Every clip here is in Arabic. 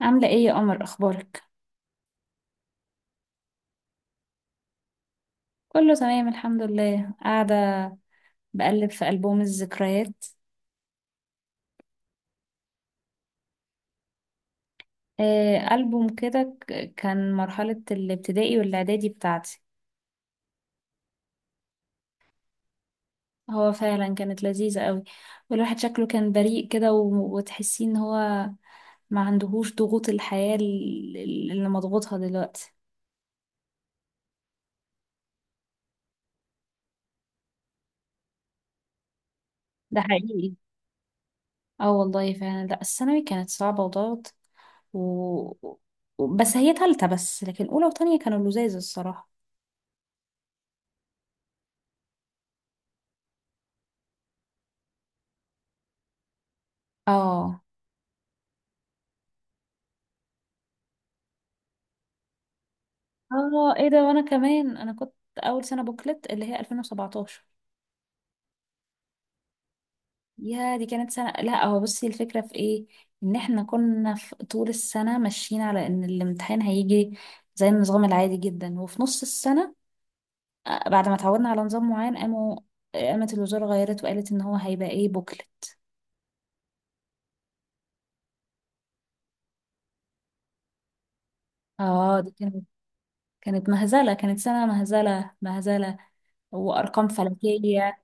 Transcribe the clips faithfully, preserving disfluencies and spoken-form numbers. عاملة ايه يا قمر اخبارك؟ كله تمام الحمد لله، قاعدة بقلب في ألبوم الذكريات. آه، ألبوم كده ك- كان مرحلة الابتدائي والإعدادي بتاعتي. هو فعلا كانت لذيذة قوي، والواحد شكله كان بريء كده و- وتحسي ان هو ما عندهوش ضغوط الحياة ال- ال- اللي مضغوطها دلوقتي. ده حقيقي. اه والله فعلا، لا الثانوي كانت صعبة وضغط و... و- بس هي تالتة بس، لكن أولى وتانية كانوا لذاذ الصراحة. اه. اه ايه ده، وانا كمان انا كنت اول سنه بوكلت اللي هي ألفين وسبعتاشر. يا دي كانت سنه. لا هو بصي الفكره في ايه، ان احنا كنا في طول السنه ماشيين على ان الامتحان هيجي زي النظام العادي جدا، وفي نص السنه آه، بعد ما اتعودنا على نظام معين قاموا قامت الوزاره غيرت وقالت ان هو هيبقى ايه بوكلت. اه دي كانت كانت مهزله، كانت سنه مهزله مهزله، وارقام فلكيه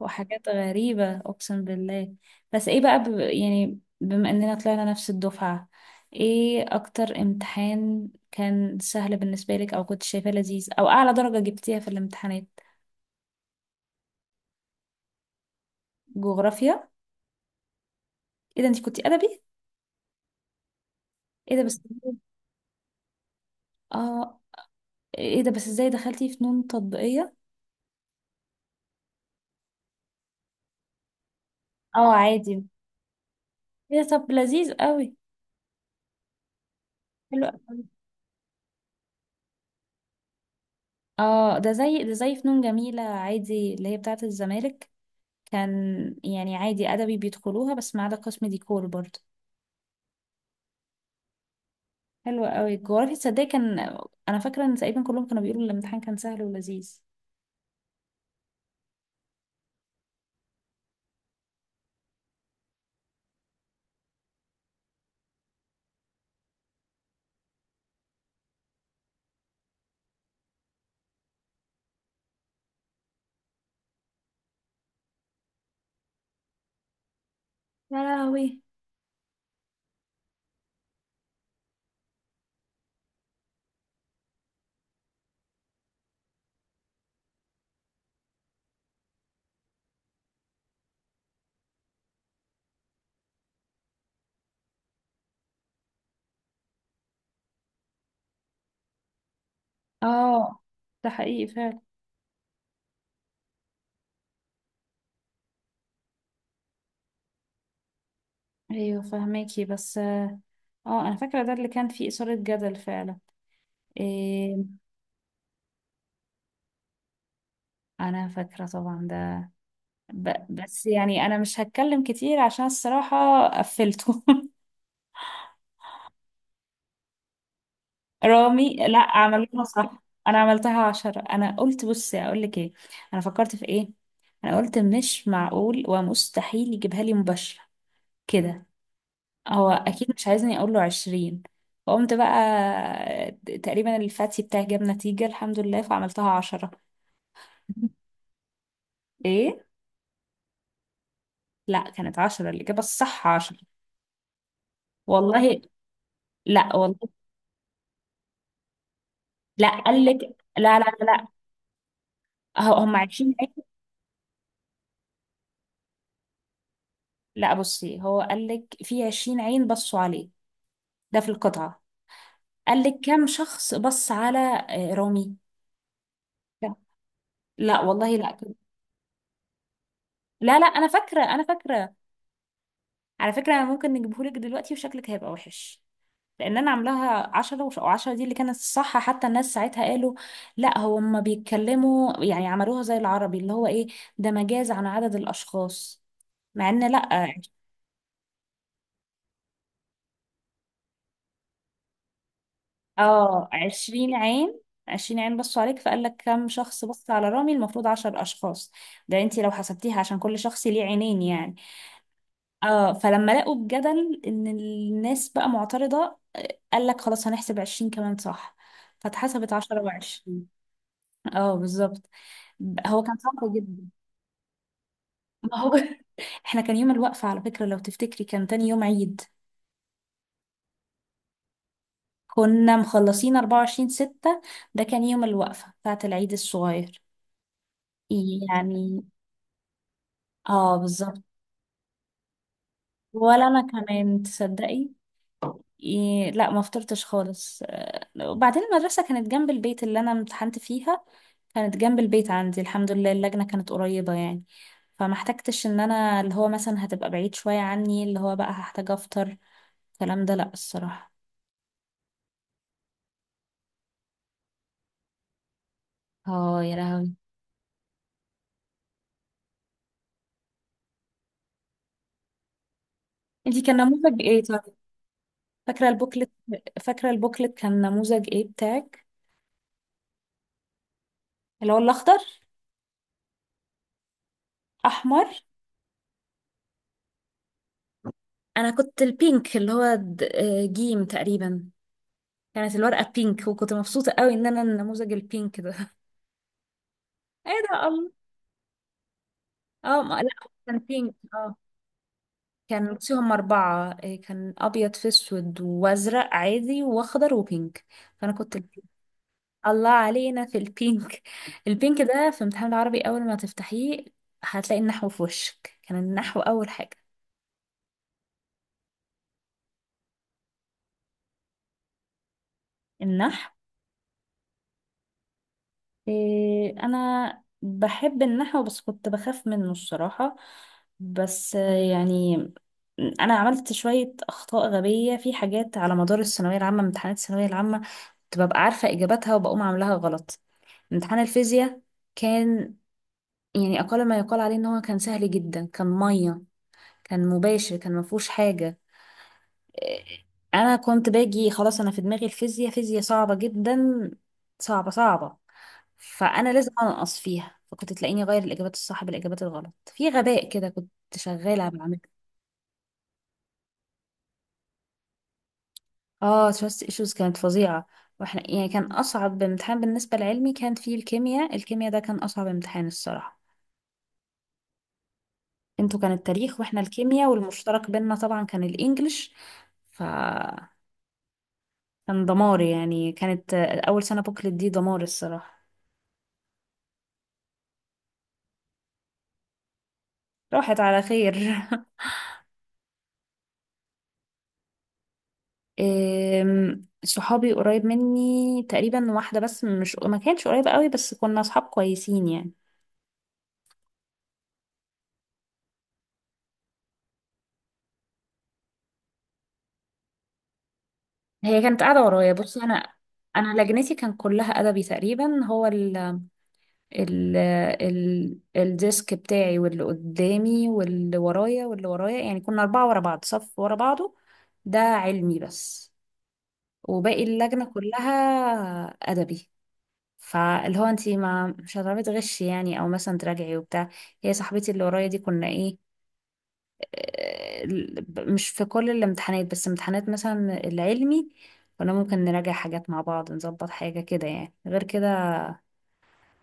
وحاجات غريبة أقسم بالله. بس إيه بقى ب... يعني بما إننا طلعنا نفس الدفعة، إيه أكتر امتحان كان سهل بالنسبة لك، أو كنت شايفاه لذيذ، أو أعلى درجة جبتيها في الامتحانات؟ جغرافيا؟ إيه ده، أنت كنتي أدبي؟ إيه ده بس. آه. إيه ده بس، إزاي دخلتي فنون تطبيقية؟ آه عادي. إيه ده، طب لذيذ قوي. حلو قوي. آه، ده زي ده زي فنون جميلة عادي اللي هي بتاعة الزمالك. كان يعني عادي أدبي بيدخلوها، بس ما عدا قسم ديكور برضه. حلو قوي. جغرافيا، تصدقي كان انا فاكره ان تقريبا كلهم كانوا بيقولوا الامتحان كان سهل ولذيذ. يا لهوي. اه ده حقيقي فعلا. ايوه فهماكي بس، اه. آه، انا فاكره ده اللي كان فيه اثاره جدل فعلا. إيه؟ انا فاكره طبعا ده، ب... بس يعني انا مش هتكلم كتير عشان الصراحه قفلته رامي؟ لا عملوها صح، انا عملتها عشرة، انا قلت بصي اقول لك ايه. انا فكرت في ايه؟ انا قلت مش معقول ومستحيل يجيبها لي مباشره كده، هو اكيد مش عايزني اقول له عشرين. فقمت بقى تقريبا الفاتي بتاعي جاب نتيجة الحمد لله، فعملتها عشرة. ايه؟ لا كانت عشرة، الاجابة الصح عشرة. والله. لا والله لا. قال لك لا لا لا لا. هو- هم عشرين عين. لا بصي، هو قال لك في عشرين عين بصوا عليه، ده في القطعة. قال لك كم شخص بص على آه، رامي. لا. لا والله لا. لا لا، انا فاكرة، انا فاكرة. على فكرة أنا ممكن نجيبهولك دلوقتي وشكلك هيبقى وحش، لان انا عاملاها عشرة وش- وعشرة دي اللي كانت الصح. حتى الناس ساعتها قالوا لا، هو هما بيتكلموا يعني عملوها زي العربي اللي هو ايه، ده مجاز عن عدد الاشخاص. مع ان لا عش- اه عشرين عين. عشرين عين بصوا عليك، فقال لك كم شخص بص على رامي؟ المفروض عشر اشخاص. ده انتي لو حسبتيها عشان كل شخص ليه عينين يعني. اه. فلما لقوا الجدل ان الناس بقى معترضة، قال لك خلاص هنحسب عشرين كمان صح، فاتحسبت عشرة وعشرين. اه بالظبط. هو كان صعب جدا. ما هو. احنا كان يوم الوقفة على فكرة لو تفتكري كان تاني يوم عيد، كنا مخلصين أربعة وعشرين ستة، ده كان يوم الوقفة بتاعة العيد الصغير يعني. اه بالظبط. ولا انا كمان، تصدقي؟ إيه لا، ما فطرتش خالص. آه، وبعدين المدرسة كانت جنب البيت اللي انا امتحنت فيها، كانت جنب البيت عندي الحمد لله، اللجنة كانت قريبة يعني، فما احتجتش ان انا اللي هو مثلا هتبقى بعيد شوية عني، اللي هو بقى هحتاج افطر الكلام ده لا الصراحة. اه يا لهوي. انتي كان نموذج ايه طيب؟ فاكرة البوكلت؟ فاكرة البوكلت كان نموذج ايه بتاعك؟ اللي هو الاخضر؟ احمر؟ انا كنت البينك، اللي هو د- آه، جيم تقريبا. كانت الورقه بينك، وكنت مبسوطه قوي ان انا النموذج البينك ده ايه ده؟ الله. اه ما لا. كان بينك اه. كان بصي هم أربعة، إيه، كان أبيض في أسود، وأزرق عادي، وأخضر، وبينك. فأنا كنت البينك. الله علينا في البينك. البينك ده في امتحان العربي، أول ما تفتحيه هتلاقي النحو في وشك، كان النحو أول حاجة. النحو؟ إيه أنا بحب النحو بس كنت بخاف منه الصراحة. بس آه، يعني أنا عملت شوية أخطاء غبية في حاجات على مدار الثانوية العامة، امتحانات الثانوية العامة كنت ببقى عارفة إجاباتها وبقوم عاملاها غلط. امتحان الفيزياء كان يعني أقل ما يقال عليه إن هو كان سهل جدا، كان مية، كان مباشر، كان مفهوش حاجة. إيه، أنا كنت باجي خلاص أنا في دماغي الفيزياء فيزياء صعبة جدا، صعبة صعبة، فأنا لازم أنقص فيها، فكنت تلاقيني أغير الإجابات الصح بالإجابات الغلط في غباء كده، كنت شغالة بعمله. اه تراست ايشوز كانت فظيعة. واحنا يعني كان أصعب امتحان بالنسبة لعلمي كان فيه الكيمياء، الكيمياء ده كان أصعب امتحان الصراحة. انتوا كان التاريخ، واحنا الكيمياء، والمشترك بينا طبعا كان الانجليش، فكان دمار يعني، كانت اول سنة بوكلت دي دمار الصراحة. راحت على خير أم، صحابي قريب مني تقريبا واحدة بس، مش ما كانتش قريبة قوي، بس كنا صحاب كويسين يعني. هي كانت قاعدة ورايا. بصي انا انا، لجنتي كان كلها ادبي تقريبا، هو ال ال الديسك بتاعي واللي قدامي واللي ورايا واللي ورايا يعني، كنا أربعة ورا بعض صف ورا بعضه، ده علمي بس، وباقي اللجنة كلها أدبي. فاللي هو انتي ما مش هتعرفي تغشي يعني، او مثلا تراجعي وبتاع. هي صاحبتي اللي ورايا دي كنا ايه، آه، مش في كل الامتحانات، بس امتحانات مثلا العلمي كنا ممكن نراجع حاجات مع بعض، نظبط حاجة كده يعني، غير كده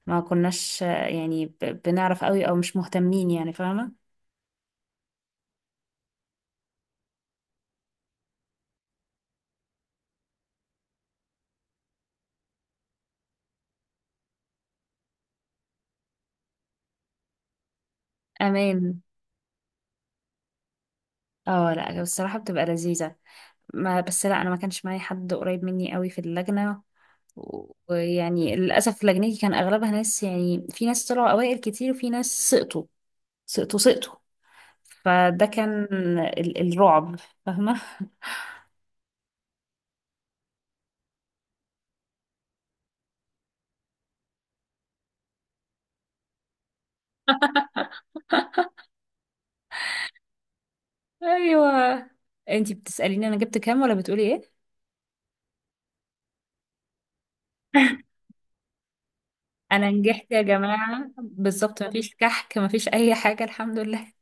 ما كناش آه، يعني ب- بنعرف قوي او مش مهتمين يعني، فاهمة؟ امان. اه لا الصراحة بتبقى لذيذة، ما بس لا انا ما كانش معايا حد قريب مني قوي في اللجنة، و- ويعني للاسف لجنتي كان اغلبها ناس، يعني في ناس طلعوا اوائل كتير وفي ناس سقطوا سقطوا سقطوا، فده كان ال الرعب، فاهمة؟ ايوه. انتي بتسأليني انا جبت كام ولا بتقولي ايه؟ انا نجحت يا جماعة بالظبط، مفيش كحك مفيش اي حاجة الحمد لله.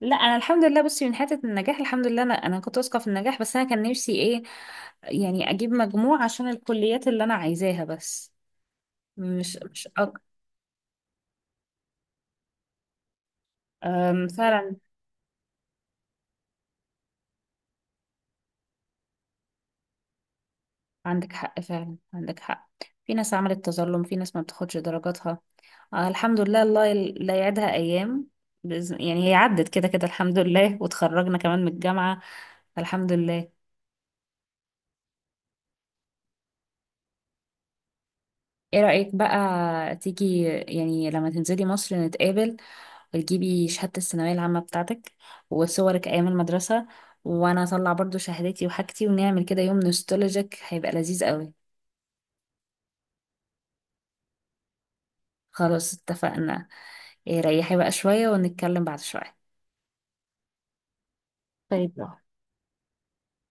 لا انا الحمد لله، بصي من حته النجاح الحمد لله، انا انا كنت واثقه في النجاح، بس انا كان نفسي ايه، يعني اجيب مجموع عشان الكليات اللي انا عايزاها بس، مش مش أك... أم، فعلا. عندك حق فعلا، عندك حق. في ناس عملت تظلم، في ناس ما بتاخدش درجاتها. آه الحمد لله، الله يل- لا يعدها ايام، بإذن... يعني هي عدت كده كده الحمد لله، وتخرجنا كمان من الجامعه الحمد لله. ايه رأيك بقى تيجي يعني لما تنزلي مصر نتقابل، وتجيبي شهادة الثانوية العامة بتاعتك، وصورك أيام المدرسة، وأنا أطلع برضو شهادتي وحاجتي، ونعمل كده يوم نوستولوجيك هيبقى لذيذ قوي؟ خلاص اتفقنا. إيه، ريحي بقى شوية ونتكلم بعد شوية. طيب.